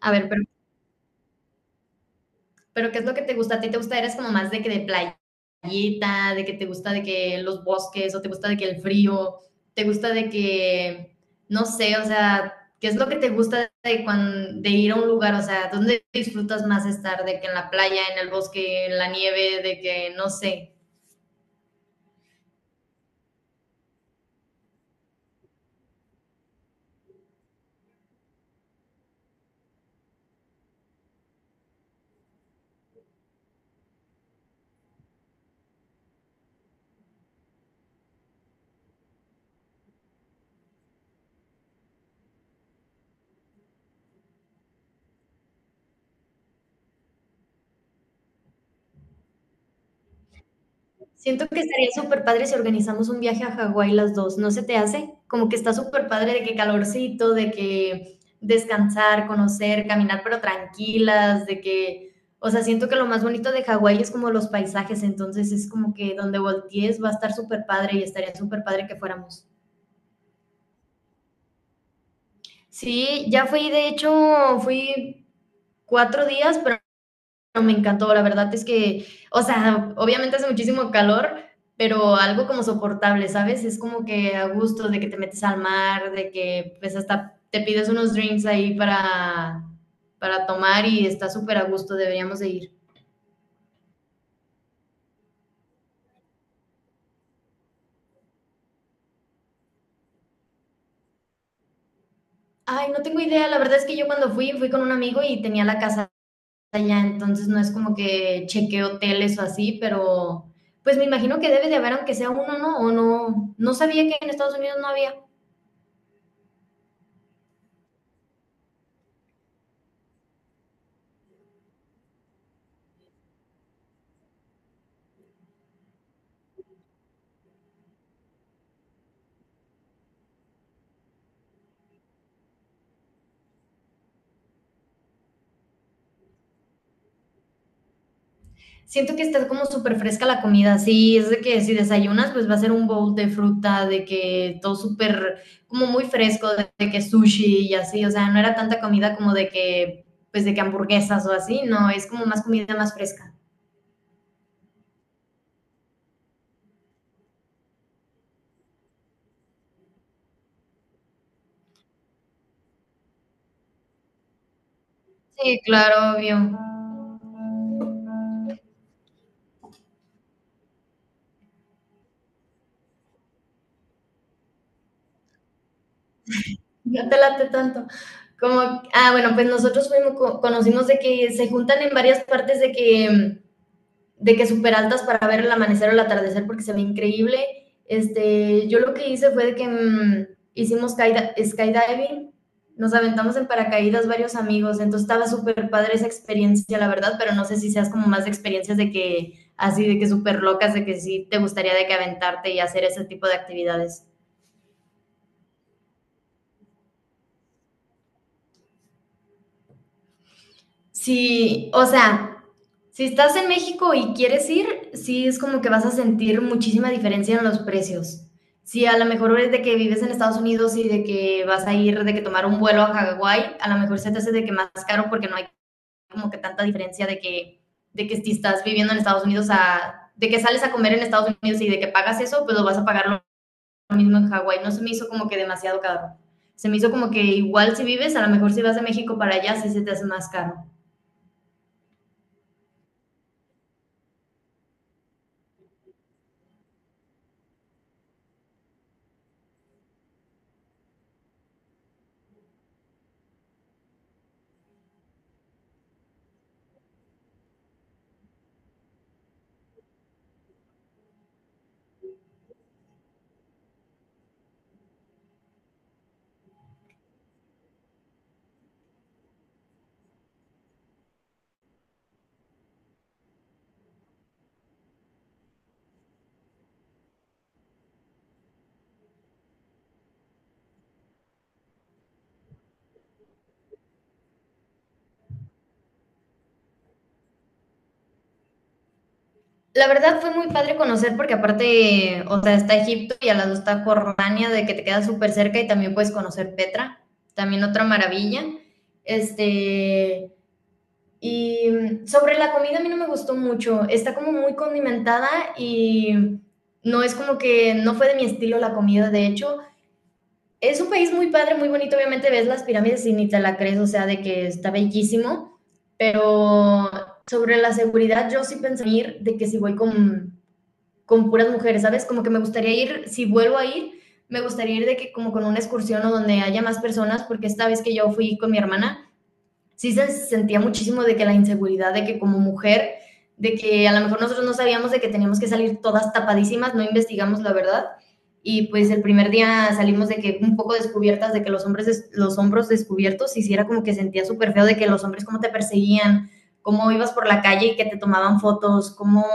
A ver, pero, ¿qué es lo que te gusta? ¿A ti te gusta? ¿Eres como más de que de playita, de que te gusta de que los bosques, o te gusta de que el frío, te gusta de que, no sé, o sea, ¿qué es lo que te gusta de, de ir a un lugar? O sea, ¿dónde disfrutas más estar? ¿De que en la playa, en el bosque, en la nieve, de que, no sé? Siento que estaría súper padre si organizamos un viaje a Hawái las 2. ¿No se te hace? Como que está súper padre de que calorcito, de que descansar, conocer, caminar, pero tranquilas, de que, o sea, siento que lo más bonito de Hawái es como los paisajes, entonces es como que donde voltees va a estar súper padre y estaría súper padre que fuéramos. Sí, ya fui, de hecho, fui 4 días, pero me encantó. La verdad es que, o sea, obviamente hace muchísimo calor, pero algo como soportable, ¿sabes? Es como que a gusto de que te metes al mar, de que pues hasta te pides unos drinks ahí para tomar y está súper a gusto, deberíamos de ir. Ay, no tengo idea, la verdad es que yo cuando fui, fui con un amigo y tenía la casa allá, entonces no es como que chequeé hoteles o así, pero pues me imagino que debe de haber aunque sea uno, ¿no? O no, no sabía que en Estados Unidos no había. Siento que está como súper fresca la comida, sí, es de que si desayunas, pues va a ser un bowl de fruta, de que todo súper, como muy fresco, de que sushi y así, o sea, no era tanta comida como de que, pues de que hamburguesas o así, no, es como más comida más fresca. Sí, claro, obvio. No te late tanto. Como, ah, bueno, pues nosotros fuimos, conocimos de que se juntan en varias partes de que de que súper altas para ver el amanecer o el atardecer porque se ve increíble. Este, yo lo que hice fue de que hicimos skydiving, nos aventamos en paracaídas varios amigos, entonces estaba súper padre esa experiencia, la verdad, pero no sé si seas como más de experiencias de que así, de que súper locas, de que sí te gustaría de que aventarte y hacer ese tipo de actividades. Sí, o sea, si estás en México y quieres ir, sí es como que vas a sentir muchísima diferencia en los precios. Si a lo mejor es de que vives en Estados Unidos y de que vas a ir, de que tomar un vuelo a Hawái, a lo mejor se te hace de que más caro porque no hay como que tanta diferencia de que si estás viviendo en Estados Unidos, a, de que sales a comer en Estados Unidos y de que pagas eso, pues lo vas a pagar lo mismo en Hawái. No se me hizo como que demasiado caro. Se me hizo como que igual si vives, a lo mejor si vas de México para allá, sí se te hace más caro. La verdad fue muy padre conocer porque aparte, o sea, está Egipto y al lado está Jordania, de que te queda súper cerca y también puedes conocer Petra, también otra maravilla. Este, y sobre la comida a mí no me gustó mucho, está como muy condimentada y no es como que no fue de mi estilo la comida, de hecho. Es un país muy padre, muy bonito, obviamente ves las pirámides y ni te la crees, o sea, de que está bellísimo, pero sobre la seguridad yo sí pensé ir de que si voy con puras mujeres, ¿sabes? Como que me gustaría ir, si vuelvo a ir, me gustaría ir de que como con una excursión o donde haya más personas, porque esta vez que yo fui con mi hermana, sí se sentía muchísimo de que la inseguridad, de que como mujer, de que a lo mejor nosotros no sabíamos de que teníamos que salir todas tapadísimas, no investigamos la verdad. Y pues el primer día salimos de que un poco descubiertas, de que los hombres, los hombros descubiertos, hiciera sí era como que sentía súper feo de que los hombres cómo te perseguían, cómo ibas por la calle y que te tomaban fotos, cómo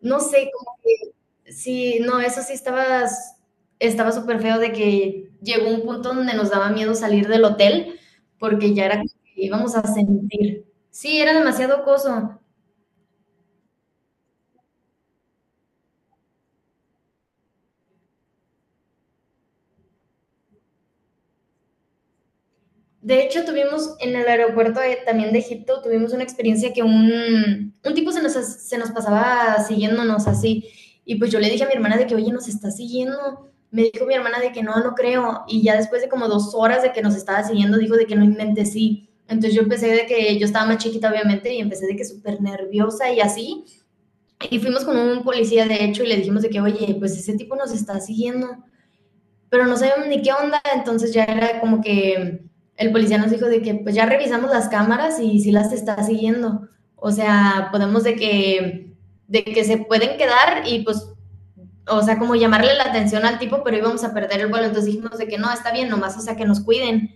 no sé, como que sí, no, eso sí estaba, estaba súper feo de que llegó un punto donde nos daba miedo salir del hotel porque ya era como que íbamos a sentir. Sí, era demasiado coso. De hecho, tuvimos en el aeropuerto también de Egipto, tuvimos una experiencia que un tipo se nos pasaba siguiéndonos así. Y pues yo le dije a mi hermana de que, oye, nos está siguiendo. Me dijo mi hermana de que no, no creo. Y ya después de como 2 horas de que nos estaba siguiendo, dijo de que no inventé sí. Entonces yo empecé de que yo estaba más chiquita, obviamente, y empecé de que súper nerviosa y así. Y fuimos con un policía, de hecho, y le dijimos de que, oye, pues ese tipo nos está siguiendo pero no sabíamos ni qué onda, entonces ya era como que el policía nos dijo de que pues ya revisamos las cámaras y si las está siguiendo. O sea, podemos de que se pueden quedar y pues, o sea, como llamarle la atención al tipo, pero íbamos a perder el vuelo. Entonces dijimos de que no, está bien, nomás, o sea, que nos cuiden.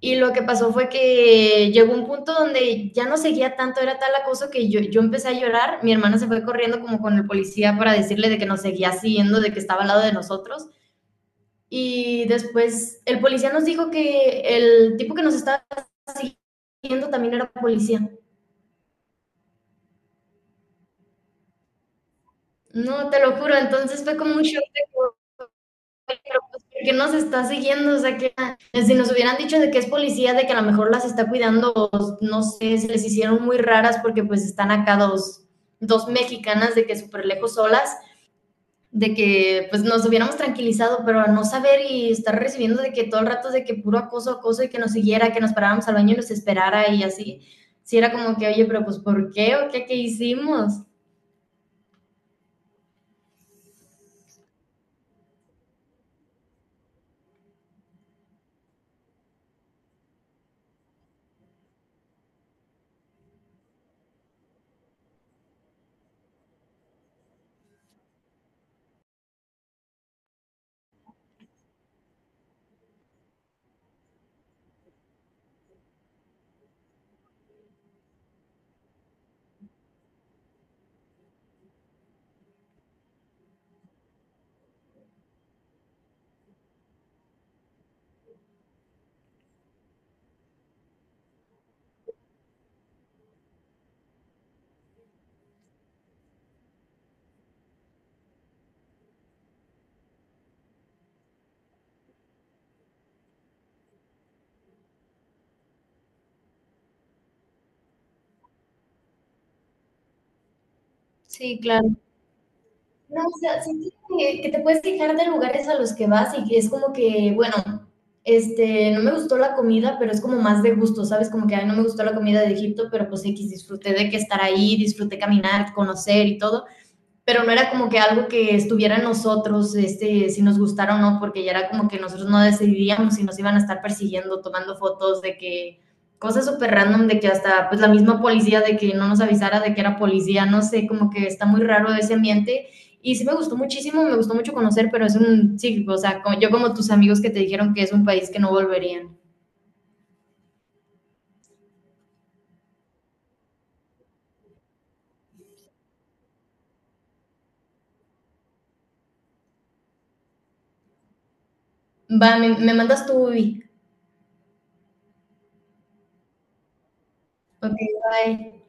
Y lo que pasó fue que llegó un punto donde ya no seguía tanto, era tal acoso que yo empecé a llorar, mi hermana se fue corriendo como con el policía para decirle de que nos seguía siguiendo, de que estaba al lado de nosotros. Y después el policía nos dijo que el tipo que nos estaba siguiendo también era policía. No, te lo juro, entonces fue como un shock de pero pues, ¿nos está siguiendo? O sea, que si nos hubieran dicho de que es policía, de que a lo mejor las está cuidando, o no sé, se les hicieron muy raras porque pues están acá dos mexicanas de que súper lejos solas de que pues nos hubiéramos tranquilizado, pero no saber y estar recibiendo de que todo el rato de que puro acoso, acoso y que nos siguiera, que nos paráramos al baño y nos esperara y así. Si sí, era como que, oye, pero pues ¿por qué o qué, qué hicimos? Sí, claro. No, o sea, sí que te puedes quejar de lugares a los que vas y que es como que, bueno, este, no me gustó la comida, pero es como más de gusto, ¿sabes? Como que a no me gustó la comida de Egipto, pero pues X, disfruté de que estar ahí, disfruté caminar, conocer y todo pero no era como que algo que estuviera en nosotros, este, si nos gustara o no, porque ya era como que nosotros no decidíamos si nos iban a estar persiguiendo, tomando fotos de que cosas súper random, de que hasta pues la misma policía, de que no nos avisara de que era policía, no sé, como que está muy raro ese ambiente. Y sí me gustó muchísimo, me gustó mucho conocer, pero es un, sí, o sea, como, yo como tus amigos que te dijeron que es un país que no volverían. Va, me mandas tú, Ubi. Ok, bye.